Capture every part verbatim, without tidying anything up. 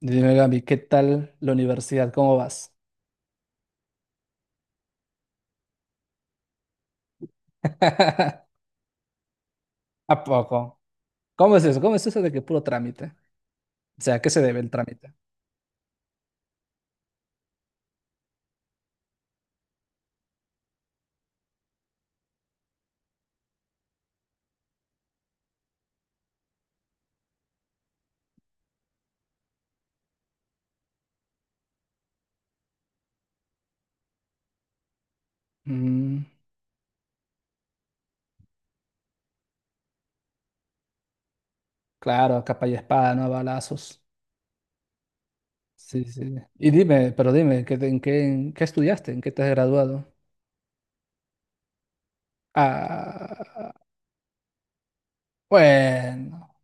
Dime, Gaby, ¿qué tal la universidad? ¿Cómo vas? ¿A poco? ¿Cómo es eso? ¿Cómo es eso de que puro trámite? O sea, ¿a qué se debe el trámite? Mm, claro, capa y espada, no a balazos. Sí, sí. Y dime, pero dime, ¿qué, te- en qué, en qué estudiaste? ¿En qué te has graduado? Ah, bueno,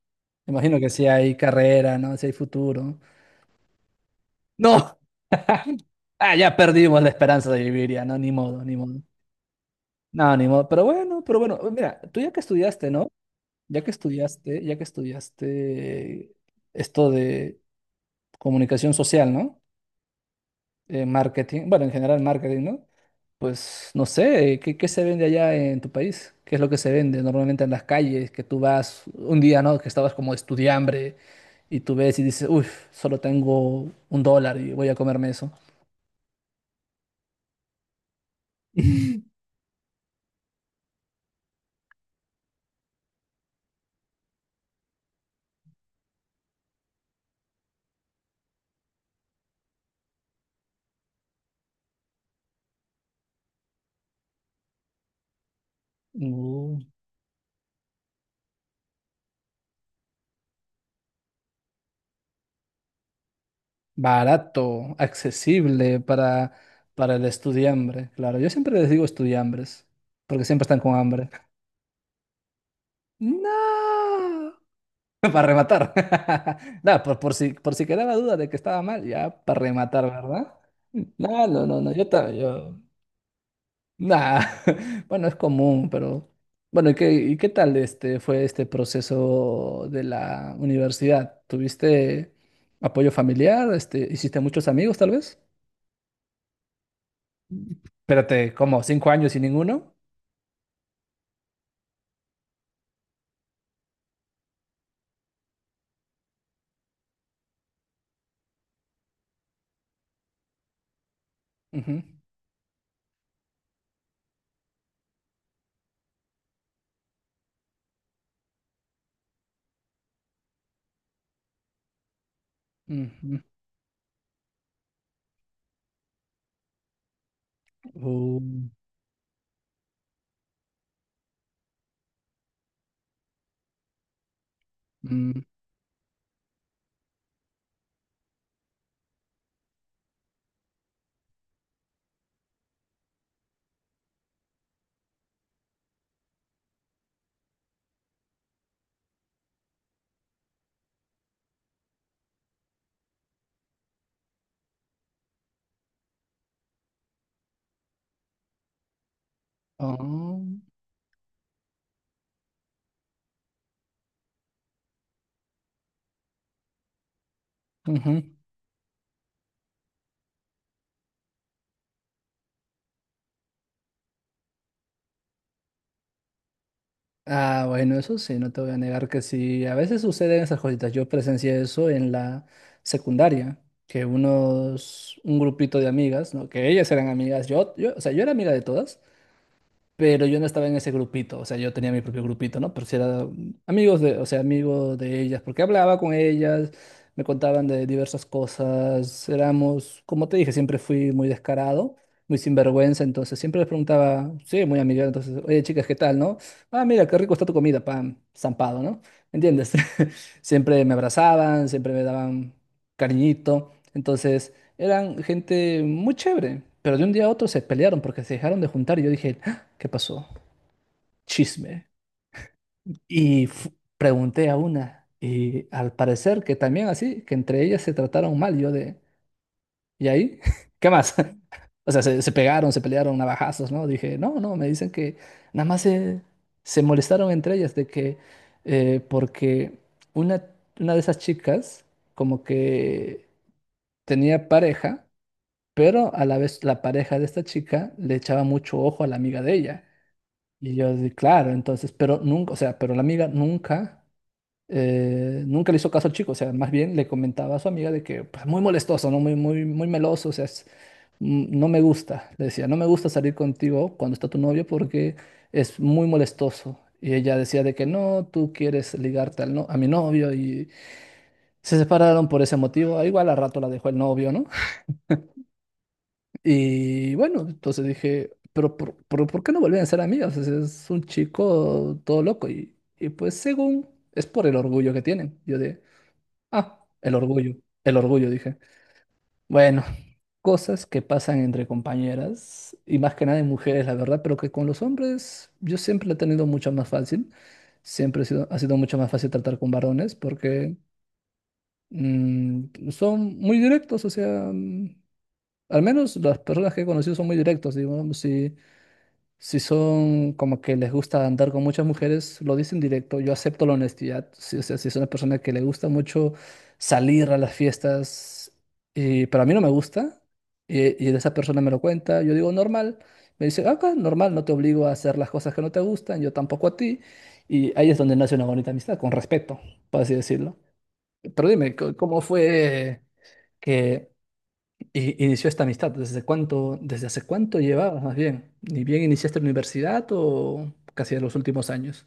imagino que sí hay carrera, ¿no? Si hay futuro. ¡No! Ah, ya perdimos la esperanza de vivir, ya, no, ni modo, ni modo. No, ni modo. Pero bueno, pero bueno, mira, tú ya que estudiaste, ¿no? Ya que estudiaste, ya que estudiaste esto de comunicación social, ¿no? Eh, marketing, bueno, en general marketing, ¿no? Pues no sé, ¿qué, qué se vende allá en tu país? ¿Qué es lo que se vende normalmente en las calles? Que tú vas un día, ¿no? Que estabas como estudiambre y tú ves y dices, uff, solo tengo un dólar y voy a comerme eso. Uh, barato, accesible para, para el estudiambre. Claro, yo siempre les digo estudiambres, porque siempre están con hambre. No. Para rematar. No, por, por si, por si quedaba duda de que estaba mal, ya para rematar, ¿verdad? No, no, no, no, yo también, yo... Nah. Bueno, es común, pero... Bueno, ¿y qué, y qué tal este, fue este proceso de la universidad? ¿Tuviste apoyo familiar? Este, ¿hiciste muchos amigos, tal vez? Espérate, ¿cómo? ¿Cinco años sin ninguno? Ujú, ujú. Uh, mm, oh, ujú. Ah, bueno, eso sí, no te voy a negar que sí, a veces suceden esas cositas. Yo presencié eso en la secundaria, que unos, un grupito de amigas, ¿no? Que ellas eran amigas, yo, yo, o sea, yo era amiga de todas, pero yo no estaba en ese grupito, o sea, yo tenía mi propio grupito, ¿no? Pero sí era amigos de, o sea, amigos de ellas, porque hablaba con ellas, me contaban de diversas cosas, éramos, como te dije, siempre fui muy descarado, muy sinvergüenza, entonces siempre les preguntaba, sí, muy amiga, entonces, oye, chicas, ¿qué tal, no? Ah, mira, qué rico está tu comida, pam, zampado, ¿no? ¿Entiendes? Siempre me abrazaban, siempre me daban cariñito, entonces eran gente muy chévere, pero de un día a otro se pelearon porque se dejaron de juntar y yo dije, ¿qué pasó? Chisme. Y fu- pregunté a una, y al parecer que también así, que entre ellas se trataron mal, yo de, ¿y ahí? ¿Qué más? O sea, se, se pegaron, se pelearon navajazos, ¿no? Dije, no, no, me dicen que nada más se, se molestaron entre ellas de que, eh, porque una, una de esas chicas como que tenía pareja, pero a la vez la pareja de esta chica le echaba mucho ojo a la amiga de ella. Y yo así, claro, entonces, pero nunca, o sea, pero la amiga nunca, eh, nunca le hizo caso al chico, o sea, más bien le comentaba a su amiga de que, pues, muy molestoso, ¿no? Muy, muy, muy meloso, o sea, es- mm, no me gusta, le decía, no me gusta salir contigo cuando está tu novio porque es muy molestoso. Y ella decía de que no, tú quieres ligarte al no- a mi novio y se separaron por ese motivo. Ah, igual a rato la dejó el novio, ¿no? Y bueno, entonces dije, pero ¿por, por, por qué no volvían a ser amigos? Es, es un chico todo loco. Y, y pues según es por el orgullo que tienen. Yo de, ah, el orgullo, el orgullo, dije. Bueno, cosas que pasan entre compañeras y más que nada en mujeres, la verdad, pero que con los hombres yo siempre lo he tenido mucho más fácil. Siempre he sido, ha sido mucho más fácil tratar con varones porque mm, son muy directos. O sea, mm, al menos las personas que he conocido son muy directos, digamos, si Si son como que les gusta andar con muchas mujeres, lo dicen directo, yo acepto la honestidad. Si, o sea, si es una persona que le gusta mucho salir a las fiestas, y, pero a mí no me gusta, y, y esa persona me lo cuenta, yo digo normal. Me dice, acá normal, no te obligo a hacer las cosas que no te gustan, yo tampoco a ti. Y ahí es donde nace una bonita amistad, con respeto, por así decirlo. Pero dime, ¿cómo cómo fue que... Y inició esta amistad? ¿Desde cuánto, desde hace cuánto llevabas más bien? ¿Ni bien iniciaste la universidad o casi de los últimos años?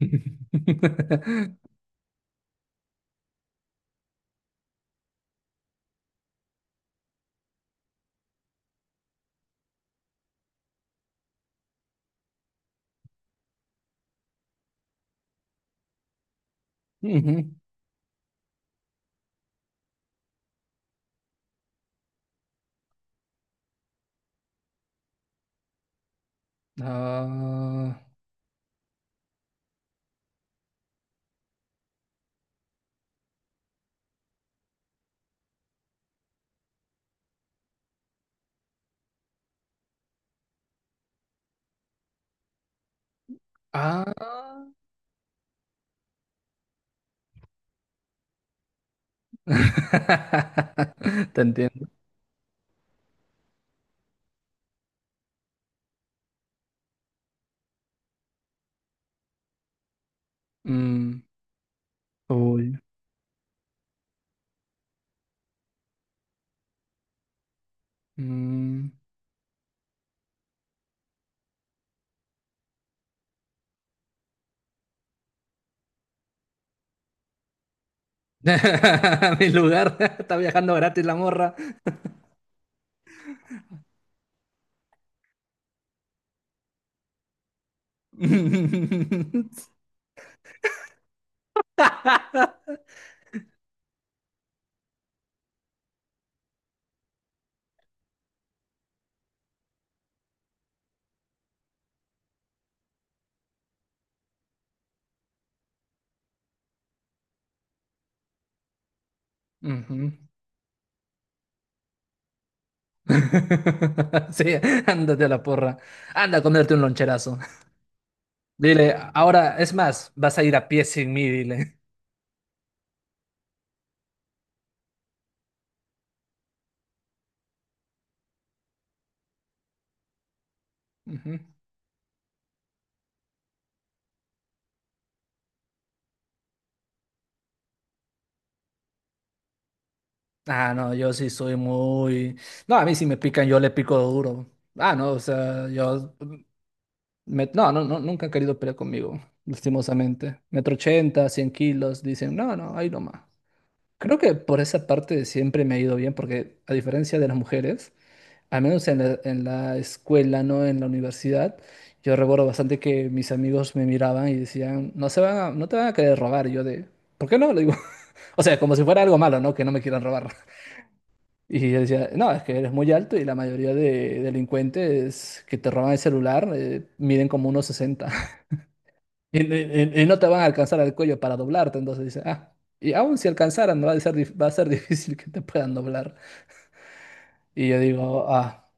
Ujú. Ah, ah. Te entiendo. Mm, uy, mm. Mi lugar está viajando gratis la morra. Ujú. Sí, ándate a la porra. Anda a comerte un loncherazo. Dile, ahora, es más, vas a ir a pie sin mí, dile. Ujú. Ah, no, yo sí soy muy... No, a mí si me pican, yo le pico duro. Ah, no, o sea, yo... mm, me- no, no, no, nunca han querido pelear conmigo, lastimosamente. Metro ochenta, cien kilos, dicen, no, no, ahí nomás. Creo que por esa parte siempre me ha ido bien, porque a diferencia de las mujeres, al menos en la, en la escuela, ¿no? En la universidad, yo recuerdo bastante que mis amigos me miraban y decían, no se van a- no te van a querer robar. Y yo de, ¿por qué no? Le digo, o sea, como si fuera algo malo, ¿no? Que no me quieran robar. Y yo decía, no, es que eres muy alto y la mayoría de delincuentes que te roban el celular eh, miden como unos sesenta y, y- y no te van a alcanzar al cuello para doblarte. Entonces dice, ah, y aún si alcanzaran, ¿no? va a ser, dif- va a ser difícil que te puedan doblar. Y yo digo, ah,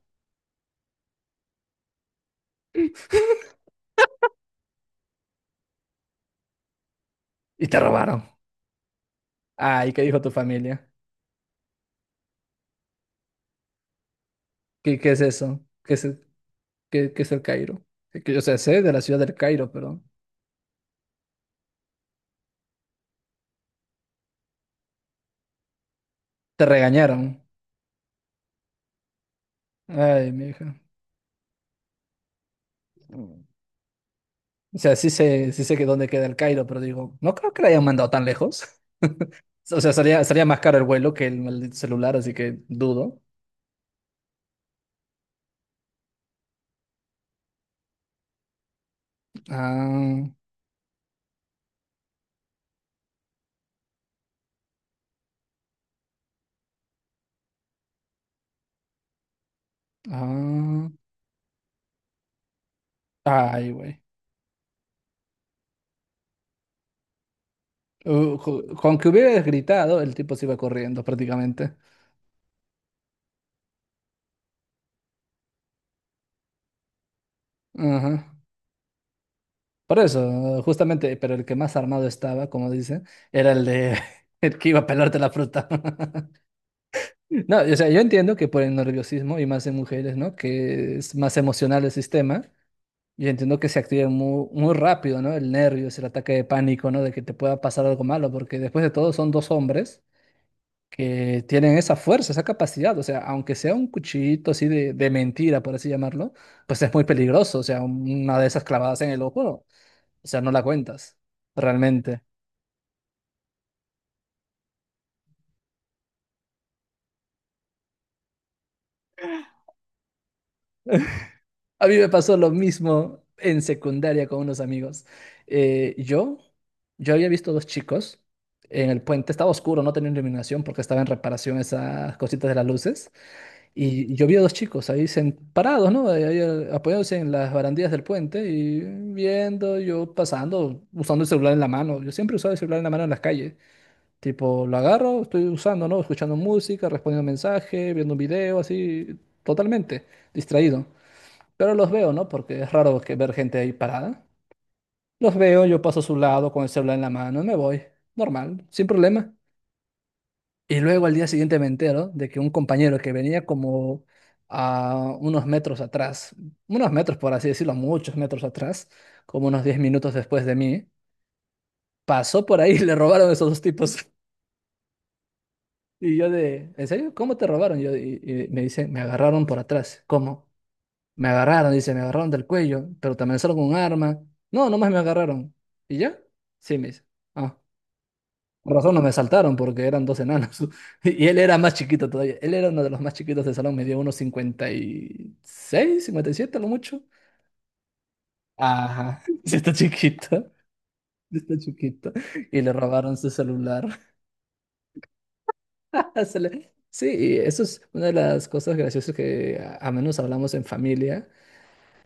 y te robaron. Ah, ¿y qué dijo tu familia? ¿Qué, qué es eso? ¿Qué es el, qué, qué es el Cairo? Que- que- O sea, sé de la ciudad del Cairo, pero te regañaron. Ay, mi hija. O sea, sí sé, sí sé que dónde queda el Cairo, pero digo, no creo que la hayan mandado tan lejos. O sea, sería, sería más caro el vuelo que el maldito celular, así que dudo. Ah, ah, ay, güey. Uh, ju- con que hubieras gritado, el tipo se iba corriendo prácticamente. Ajá. Por eso, justamente, pero el que más armado estaba, como dicen, era el de el que iba a pelarte la fruta. No, o sea, yo entiendo que por el nerviosismo y más en mujeres, ¿no? Que es más emocional el sistema. Yo entiendo que se activa muy, muy rápido, ¿no? El nervio, es el ataque de pánico, ¿no? De que te pueda pasar algo malo, porque después de todo son dos hombres que tienen esa fuerza, esa capacidad. O sea, aunque sea un cuchillito así de, de mentira, por así llamarlo, pues es muy peligroso. O sea, una de esas clavadas en el ojo, o sea, no la cuentas, realmente. A mí me pasó lo mismo en secundaria con unos amigos. Eh, yo, yo había visto dos chicos en el puente, estaba oscuro, no tenía iluminación porque estaba en reparación esas cositas de las luces. Y yo vi a dos chicos ahí sen- parados, ¿no? Ahí- ahí, eh, apoyados en las barandillas del puente y viendo, yo pasando, usando el celular en la mano. Yo siempre usaba el celular en la mano en las calles. Tipo, lo agarro, estoy usando, ¿no? Escuchando música, respondiendo mensajes, viendo un video, así, totalmente distraído. Pero los veo, ¿no? Porque es raro que ver gente ahí parada. Los veo, yo paso a su lado con el celular en la mano, me voy, normal, sin problema. Y luego al día siguiente me entero de que un compañero que venía como a unos metros atrás, unos metros por así decirlo, muchos metros atrás, como unos diez minutos después de mí, pasó por ahí y le robaron a esos dos tipos. Y yo de, ¿en serio? ¿Cómo te robaron? Yo, y, y me dice, me agarraron por atrás. ¿Cómo? Me agarraron, dice, me agarraron del cuello, pero te amenazaron con un arma. No, nomás me agarraron. ¿Y ya? Sí, me dice. Ah, por razón no me saltaron porque eran dos enanos. Y él era más chiquito todavía. Él era uno de los más chiquitos del salón, medía unos cincuenta y seis cincuenta y siete a lo mucho. Ajá, sí está chiquito, sí está chiquito. Y le robaron su celular. Se le- Sí, y eso es una de las cosas graciosas que a a menos hablamos en familia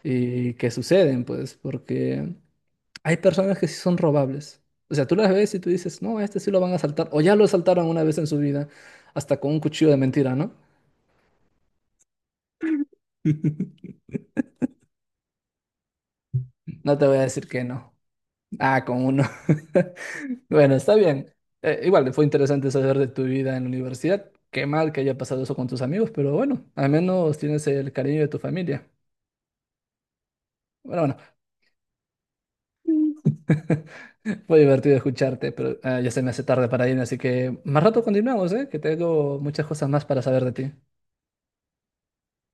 y que suceden, pues, porque hay personas que sí son robables. O sea, tú las ves y tú dices, no, a este sí lo van a asaltar, o ya lo asaltaron una vez en su vida, hasta con un cuchillo de mentira, ¿no? No te voy a decir que no. Ah, con uno. Bueno, está bien. Eh, igual, fue interesante saber de tu vida en la universidad. Qué mal que haya pasado eso con tus amigos, pero bueno, al menos tienes el cariño de tu familia. Bueno, bueno. Fue divertido escucharte, pero ah, ya se me hace tarde para irme, así que más rato continuamos, ¿eh? Que tengo muchas cosas más para saber de ti.